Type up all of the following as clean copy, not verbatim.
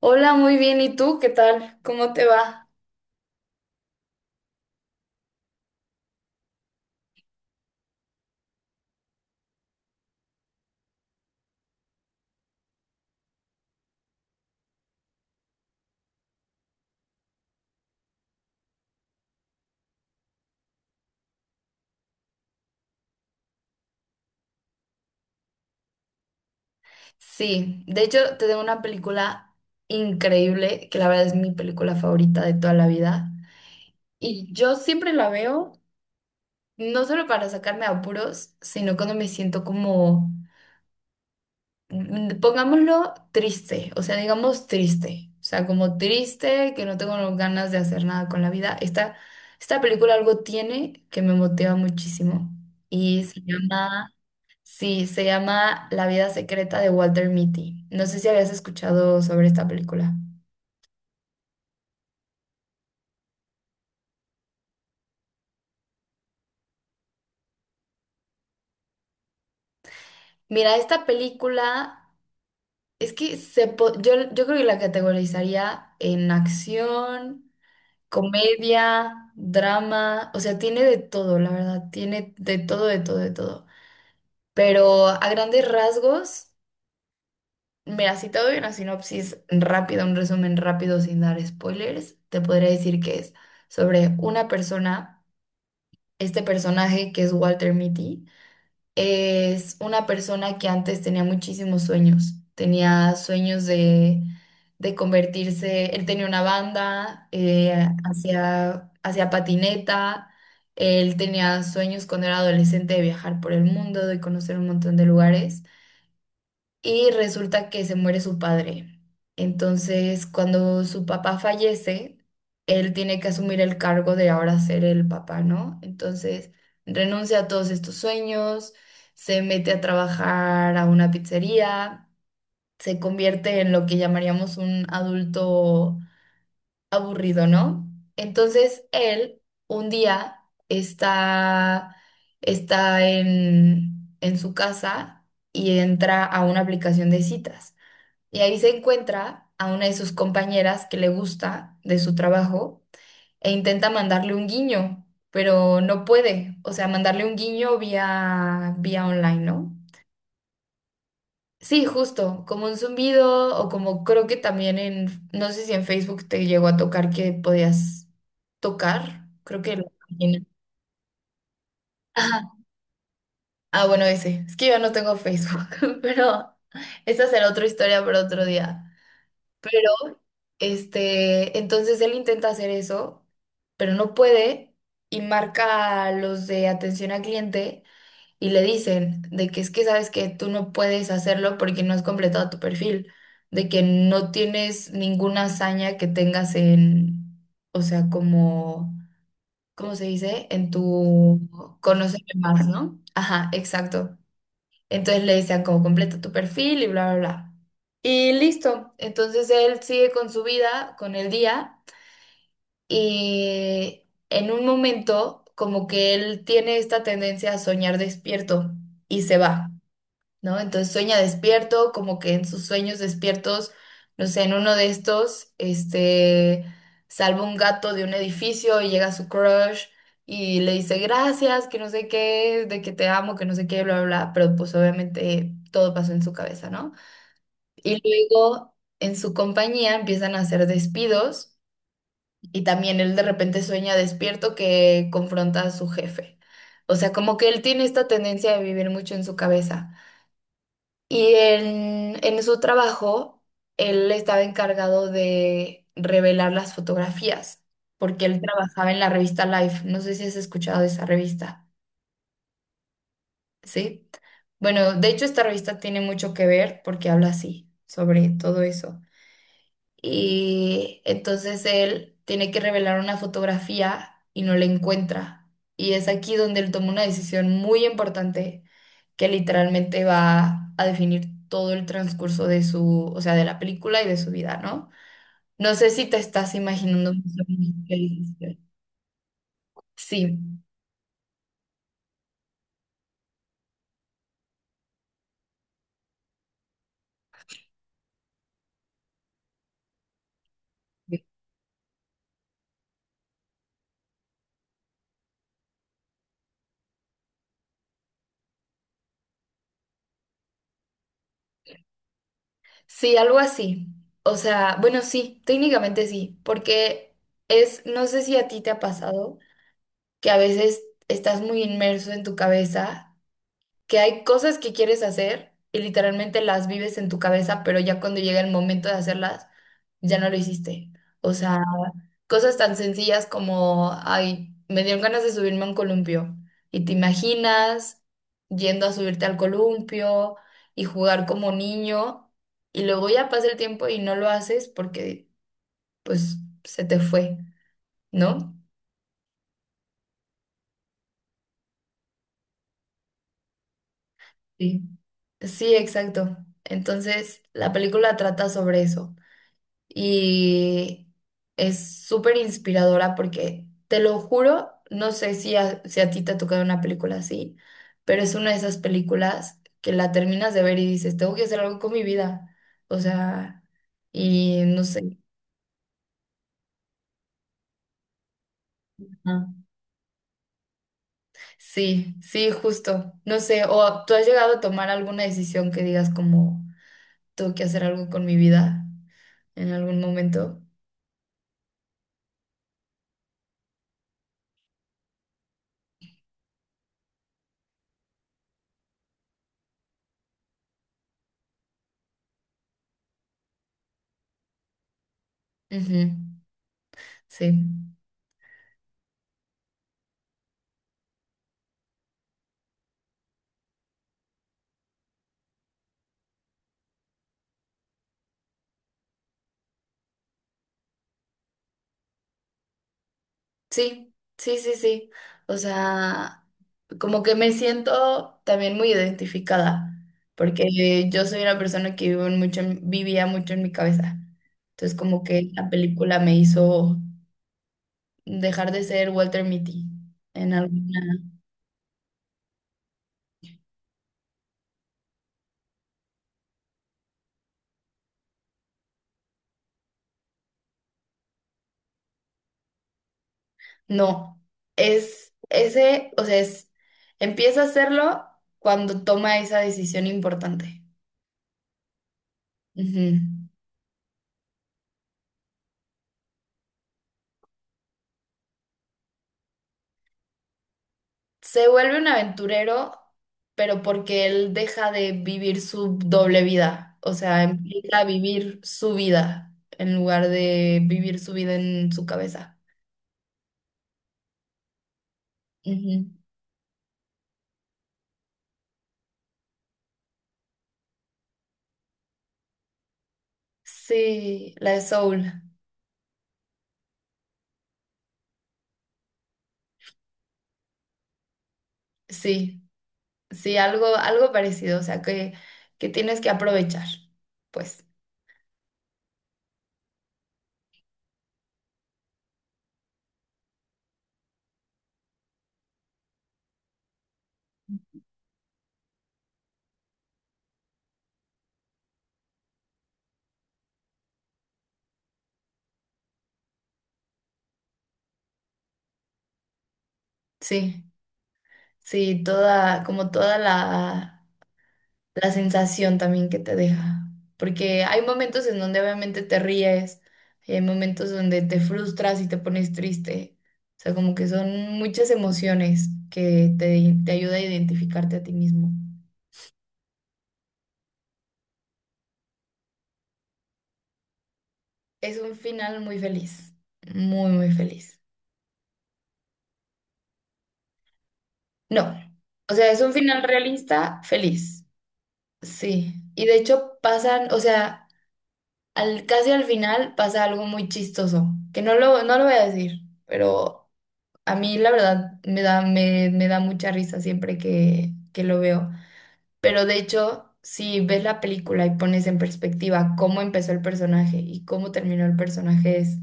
Hola, muy bien. ¿Y tú qué tal? ¿Cómo te va? Sí, de hecho te tengo una película increíble, que la verdad es mi película favorita de toda la vida. Y yo siempre la veo, no solo para sacarme apuros, sino cuando me siento como, pongámoslo, triste, o sea, digamos triste, o sea, como triste, que no tengo ganas de hacer nada con la vida. Esta película algo tiene que me motiva muchísimo y se llama... Sí, se llama La vida secreta de Walter Mitty. No sé si habías escuchado sobre esta película. Mira, esta película es que yo creo que la categorizaría en acción, comedia, drama, o sea, tiene de todo, la verdad, tiene de todo, de todo, de todo. Pero a grandes rasgos, mira, si te doy una sinopsis rápida, un resumen rápido sin dar spoilers, te podría decir que es sobre una persona, este personaje que es Walter Mitty, es una persona que antes tenía muchísimos sueños. Tenía sueños de convertirse, él tenía una banda, hacía, hacía patineta, él tenía sueños cuando era adolescente de viajar por el mundo, de conocer un montón de lugares y resulta que se muere su padre. Entonces, cuando su papá fallece, él tiene que asumir el cargo de ahora ser el papá, ¿no? Entonces, renuncia a todos estos sueños, se mete a trabajar a una pizzería, se convierte en lo que llamaríamos un adulto aburrido, ¿no? Entonces, él un día está, está en su casa y entra a una aplicación de citas. Y ahí se encuentra a una de sus compañeras que le gusta de su trabajo e intenta mandarle un guiño, pero no puede. O sea, mandarle un guiño vía, vía online, ¿no? Sí, justo, como un zumbido o como creo que también en, no sé si en Facebook te llegó a tocar que podías tocar, creo que la página. Ajá. Ah, bueno, ese. Es que yo no tengo Facebook, pero esa será otra historia para otro día. Pero, este, entonces él intenta hacer eso, pero no puede y marca a los de atención al cliente y le dicen de que es que sabes que tú no puedes hacerlo porque no has completado tu perfil, de que no tienes ninguna hazaña que tengas en, o sea, como, ¿cómo se dice? En tu conocerme más, ¿no? Ajá, exacto. Entonces le decían como completa tu perfil y bla, bla, bla. Y listo. Entonces él sigue con su vida, con el día. Y en un momento, como que él tiene esta tendencia a soñar despierto y se va. ¿No? Entonces sueña despierto, como que en sus sueños despiertos, no sé, en uno de estos, este, salva un gato de un edificio y llega su crush y le dice gracias, que no sé qué, de que te amo, que no sé qué, bla, bla, bla, pero pues obviamente todo pasó en su cabeza, ¿no? Y luego en su compañía empiezan a hacer despidos y también él de repente sueña despierto que confronta a su jefe. O sea, como que él tiene esta tendencia de vivir mucho en su cabeza. Y en su trabajo, él estaba encargado de revelar las fotografías, porque él trabajaba en la revista Life. No sé si has escuchado de esa revista, ¿sí? Bueno, de hecho esta revista tiene mucho que ver porque habla así, sobre todo eso. Y entonces él tiene que revelar una fotografía y no la encuentra. Y es aquí donde él toma una decisión muy importante que literalmente va a definir todo el transcurso de su, o sea, de la película y de su vida, ¿no? No sé si te estás imaginando más o menos qué dijiste. Sí, sí, algo así. O sea, bueno, sí, técnicamente sí, porque es, no sé si a ti te ha pasado que a veces estás muy inmerso en tu cabeza que hay cosas que quieres hacer y literalmente las vives en tu cabeza, pero ya cuando llega el momento de hacerlas, ya no lo hiciste. O sea, cosas tan sencillas como, ay, me dieron ganas de subirme a un columpio y te imaginas yendo a subirte al columpio y jugar como niño y luego ya pasa el tiempo y no lo haces porque pues se te fue, ¿no? Sí. Sí, exacto. Entonces, la película trata sobre eso. Y es súper inspiradora porque, te lo juro, no sé si a ti te ha tocado una película así, pero es una de esas películas que la terminas de ver y dices, tengo que hacer algo con mi vida. O sea, y no sé. Ajá. Sí, sí, justo. No sé, o tú has llegado a tomar alguna decisión que digas como, tengo que hacer algo con mi vida en algún momento. Ujú. Sí. Sí, sí, sí, sí. O sea, como que me siento también muy identificada, porque yo soy una persona que vivo en mucho en- vivía mucho en mi cabeza. Entonces, como que la película me hizo dejar de ser Walter Mitty en alguna... No, es ese, o sea, es, empieza a hacerlo cuando toma esa decisión importante. Ujú. Se vuelve un aventurero, pero porque él deja de vivir su doble vida, o sea, empieza a vivir su vida en lugar de vivir su vida en su cabeza. Ujú. Sí, la de Soul, sí, sí, algo, algo parecido, o sea, que tienes que aprovechar, pues, sí, sí, toda, como toda la... La sensación también que te deja. Porque hay momentos en donde obviamente te ríes, y hay momentos donde te frustras y te pones triste. O sea, como que son muchas emociones que te ayuda a identificarte a ti mismo. Es un final muy feliz, muy, muy feliz. No, o sea, es un final realista, feliz. Sí, y de hecho pasan, o sea... casi al final pasa algo muy chistoso, que no lo voy a decir, pero a mí la verdad me da mucha risa siempre que lo veo. Pero de hecho, si ves la película y pones en perspectiva cómo empezó el personaje y cómo terminó el personaje,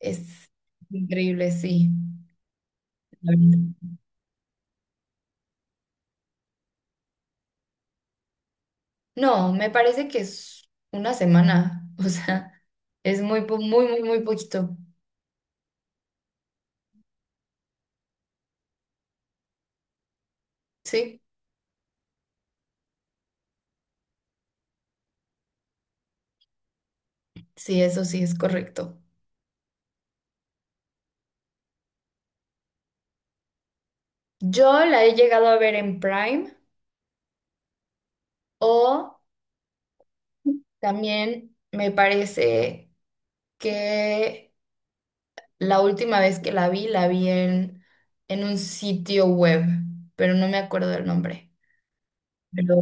es increíble, sí. La verdad. No, me parece que es una semana, o sea, es muy, muy, muy, muy poquito. Sí, sí, eso sí es correcto. Yo la he llegado a ver en Prime o también me parece que la última vez que la vi, en un sitio web, pero no me acuerdo del nombre. Pero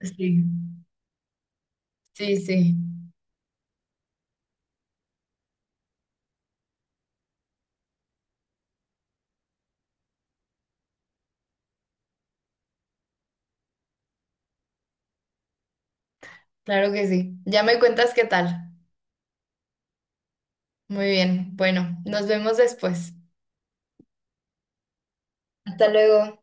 sí, sí, sí, claro que sí. Ya me cuentas qué tal. Muy bien, bueno, nos vemos después. Hasta luego.